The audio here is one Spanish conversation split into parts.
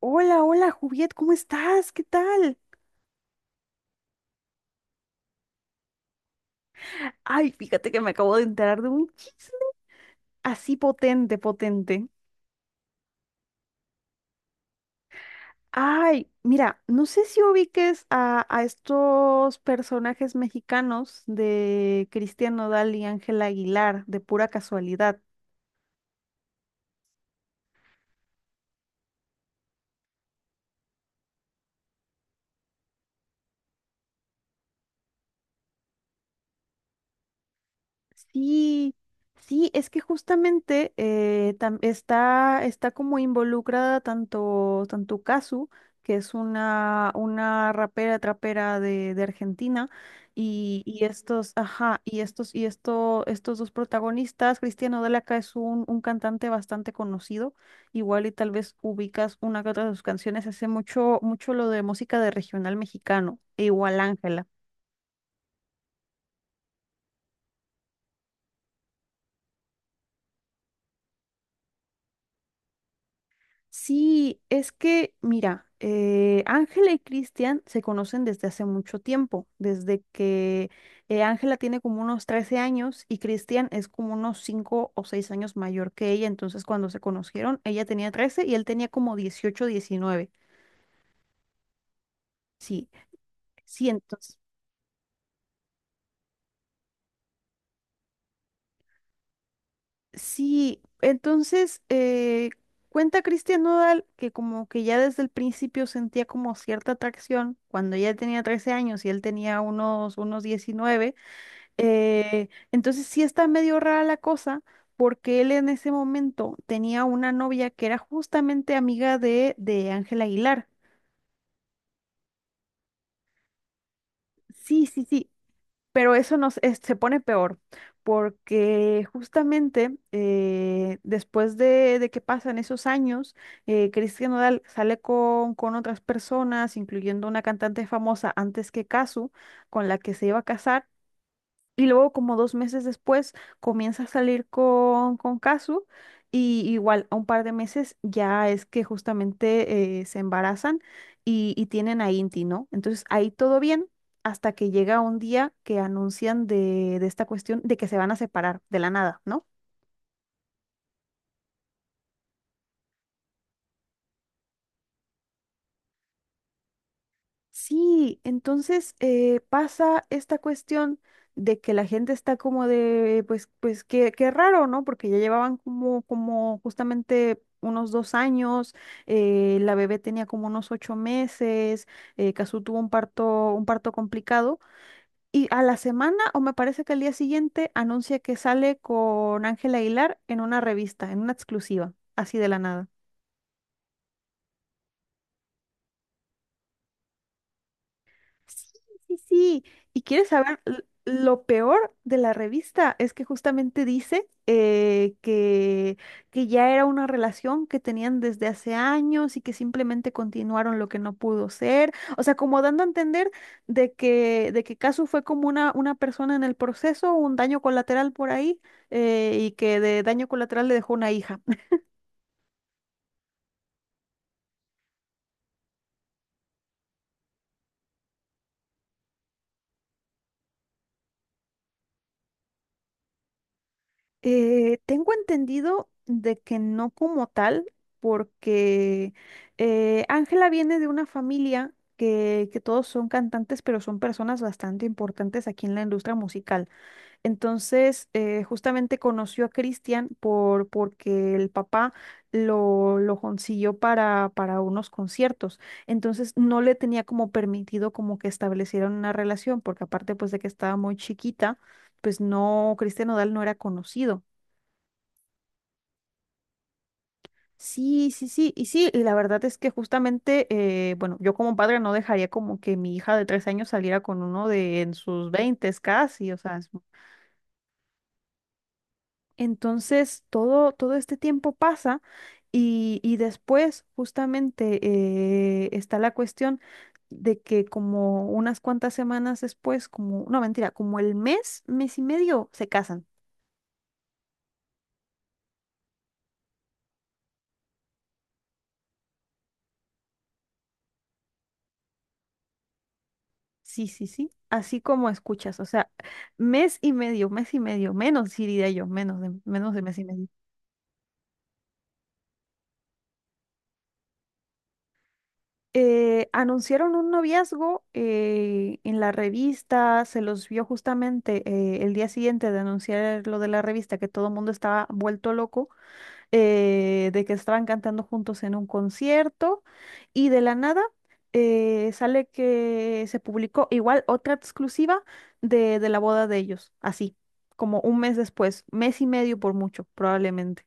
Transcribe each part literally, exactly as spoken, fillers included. Hola, hola, Juliet, ¿cómo estás? ¿Qué tal? Ay, fíjate que me acabo de enterar de un chisme así potente, potente. Ay, mira, no sé si ubiques a, a estos personajes mexicanos de Cristian Nodal y Ángela Aguilar, de pura casualidad. Sí, sí, es que justamente eh, tam- está, está como involucrada tanto, tanto Kazu, que es una, una rapera, trapera de, de Argentina, y, y estos, ajá, y estos, y esto, estos dos protagonistas. Cristiano Delaca es un, un cantante bastante conocido, igual y tal vez ubicas una que otra de sus canciones. Hace mucho, mucho lo de música de regional mexicano, e igual Ángela. Sí, es que, mira, eh, Ángela y Cristian se conocen desde hace mucho tiempo, desde que eh, Ángela tiene como unos trece años y Cristian es como unos cinco o seis años mayor que ella. Entonces cuando se conocieron, ella tenía trece y él tenía como dieciocho, diecinueve. Sí, sí, entonces, sí, entonces, eh, cuenta Cristian Nodal que como que ya desde el principio sentía como cierta atracción cuando ella tenía trece años y él tenía unos, unos diecinueve. Eh, entonces sí está medio rara la cosa porque él en ese momento tenía una novia que era justamente amiga de de Ángela Aguilar. Sí, sí, sí, pero eso nos, es- se pone peor porque justamente eh, después de, de que pasan esos años, eh, Cristian Nodal sale con, con otras personas, incluyendo una cantante famosa antes que Casu, con la que se iba a casar. Y luego, como dos meses después, comienza a salir con, con Kazu. Y igual, a un par de meses ya es que justamente eh, se embarazan y, y tienen a Inti, ¿no? Entonces ahí todo bien, hasta que llega un día que anuncian de, de esta cuestión de que se van a separar de la nada, ¿no? Sí, entonces eh, pasa esta cuestión de que la gente está como de, pues, pues qué, qué raro, ¿no? Porque ya llevaban como, como justamente unos dos años. Eh, la bebé tenía como unos ocho meses. eh, Cazzu tuvo un parto, un parto complicado, y a la semana, o me parece que al día siguiente, anuncia que sale con Ángela Aguilar en una revista, en una exclusiva, así de la nada. Sí, sí, sí. Y quieres saber, l- lo peor de la revista es que justamente dice eh, que, que ya era una relación que tenían desde hace años y que simplemente continuaron lo que no pudo ser. O sea, como dando a entender de que, de que Casu fue como una, una persona en el proceso, un daño colateral por ahí, eh, y que de daño colateral le dejó una hija. Eh, tengo entendido de que no como tal, porque eh, Ángela viene de una familia que, que todos son cantantes, pero son personas bastante importantes aquí en la industria musical. Entonces, eh, justamente conoció a Cristian por, porque el papá lo, lo consiguió para, para unos conciertos. Entonces, no le tenía como permitido como que establecieran una relación, porque aparte pues de que estaba muy chiquita, pues no, Cristian Nodal no era conocido. Sí, sí, sí, y sí, y la verdad es que justamente, eh, bueno, yo como padre no dejaría como que mi hija de tres años saliera con uno de en sus veintes casi, o sea, es- entonces todo, todo este tiempo pasa y, y después justamente eh, está la cuestión de que como unas cuantas semanas después, como, no, mentira, como el mes, mes y medio, se casan. Sí, sí, sí. Así como escuchas, o sea, mes y medio, mes y medio, menos sí diría yo, menos de, menos de mes y medio. Eh, anunciaron un noviazgo eh, en la revista, se los vio justamente eh, el día siguiente de anunciar lo de la revista, que todo el mundo estaba vuelto loco. Eh, de que estaban cantando juntos en un concierto y de la nada eh, sale que se publicó igual otra exclusiva de, de la boda de ellos, así, como un mes después, mes y medio por mucho, probablemente.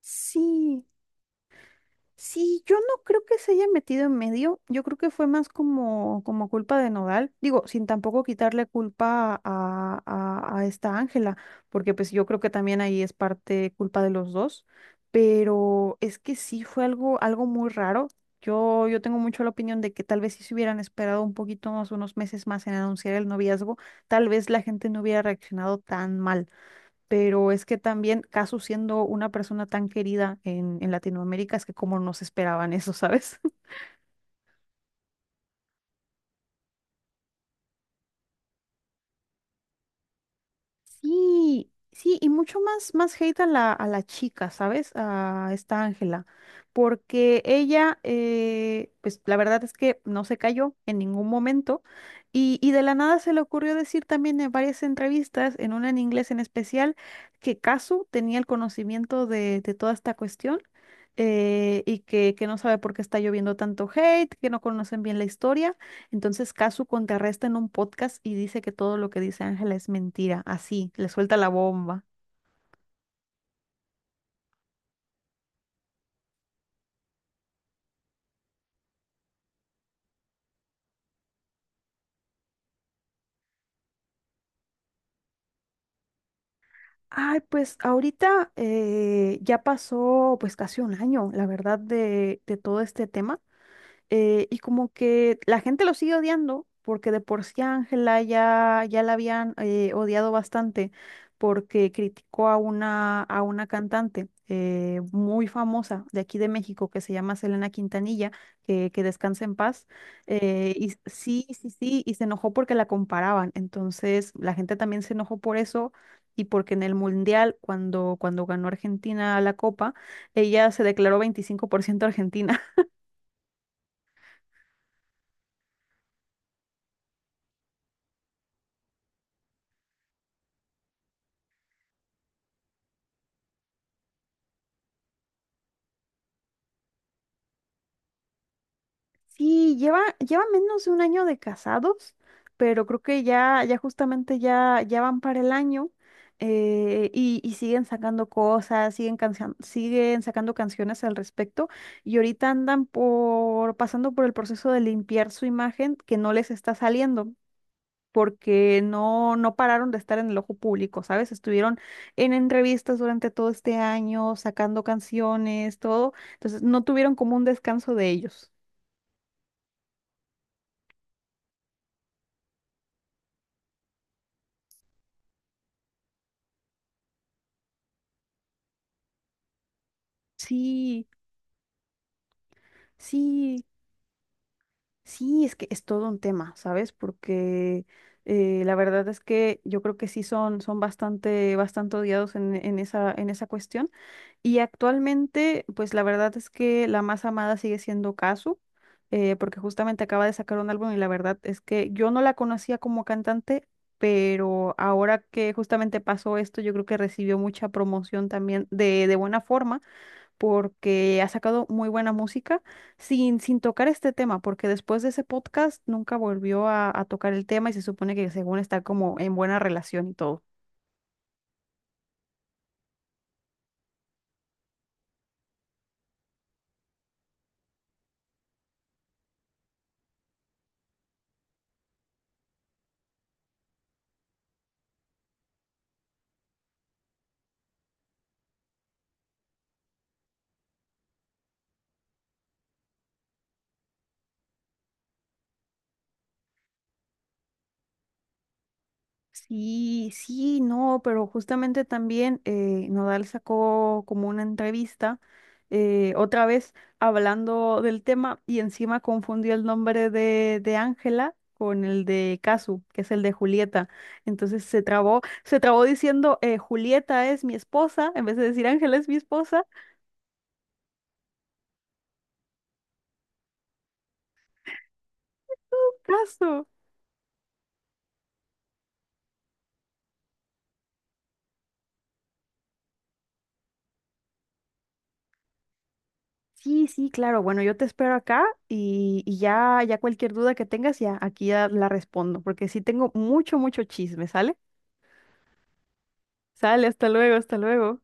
Sí, sí, yo no creo que se haya metido en medio. Yo creo que fue más como, como culpa de Nodal. Digo, sin tampoco quitarle culpa a, a, a esta Ángela, porque pues yo creo que también ahí es parte culpa de los dos. Pero es que sí fue algo, algo muy raro. Yo, yo tengo mucho la opinión de que tal vez si se hubieran esperado un poquito más, unos meses más en anunciar el noviazgo, tal vez la gente no hubiera reaccionado tan mal, pero es que también Casu siendo una persona tan querida en, en Latinoamérica, es que como no se esperaban eso, ¿sabes? Sí, sí, y mucho más, más hate a la, a la chica, ¿sabes? A esta Ángela, porque ella, eh, pues la verdad es que no se cayó en ningún momento y, y de la nada se le ocurrió decir también en varias entrevistas, en una en inglés en especial, que Casu tenía el conocimiento de, de toda esta cuestión, eh, y que, que no sabe por qué está lloviendo tanto hate, que no conocen bien la historia. Entonces Casu contrarresta en un podcast y dice que todo lo que dice Ángela es mentira, así, le suelta la bomba. Ay, pues ahorita eh, ya pasó pues casi un año, la verdad, de, de todo este tema. Eh, y como que la gente lo sigue odiando, porque de por sí a Ángela ya, ya la habían eh, odiado bastante, porque criticó a una, a una cantante eh, muy famosa de aquí de México que se llama Selena Quintanilla, que, que descansa en paz. eh, y s- Sí, sí, sí, y se enojó porque la comparaban. Entonces la gente también se enojó por eso. Y porque en el Mundial, cuando, cuando ganó Argentina la Copa, ella se declaró veinticinco por ciento argentina. Sí, lleva, lleva menos de un año de casados, pero creo que ya, ya justamente ya, ya van para el año, eh, y, y siguen sacando cosas, siguen, cancion- siguen sacando canciones al respecto y ahorita andan por, pasando por el proceso de limpiar su imagen que no les está saliendo. Porque no, no pararon de estar en el ojo público, ¿sabes? Estuvieron en entrevistas durante todo este año, sacando canciones, todo, entonces no tuvieron como un descanso de ellos. Sí. Sí, sí, es que es todo un tema, ¿sabes? Porque eh, la verdad es que yo creo que sí son, son bastante, bastante odiados en, en esa, en esa cuestión. Y actualmente, pues la verdad es que la más amada sigue siendo Kazu, eh, porque justamente acaba de sacar un álbum y la verdad es que yo no la conocía como cantante, pero ahora que justamente pasó esto, yo creo que recibió mucha promoción también de, de buena forma porque ha sacado muy buena música sin, sin tocar este tema, porque después de ese podcast nunca volvió a, a tocar el tema y se supone que según está como en buena relación y todo. Sí, sí, no, pero justamente también eh, Nodal sacó como una entrevista, eh, otra vez hablando del tema y encima confundió el nombre de de Ángela con el de Casu, que es el de Julieta. Entonces se trabó, se trabó diciendo eh, Julieta es mi esposa, en vez de decir Ángela es mi esposa. Casu. Sí, sí, claro. Bueno, yo te espero acá y, y ya, ya cualquier duda que tengas, ya aquí ya la respondo, porque sí tengo mucho, mucho chisme, ¿sale? Sale, hasta luego, hasta luego.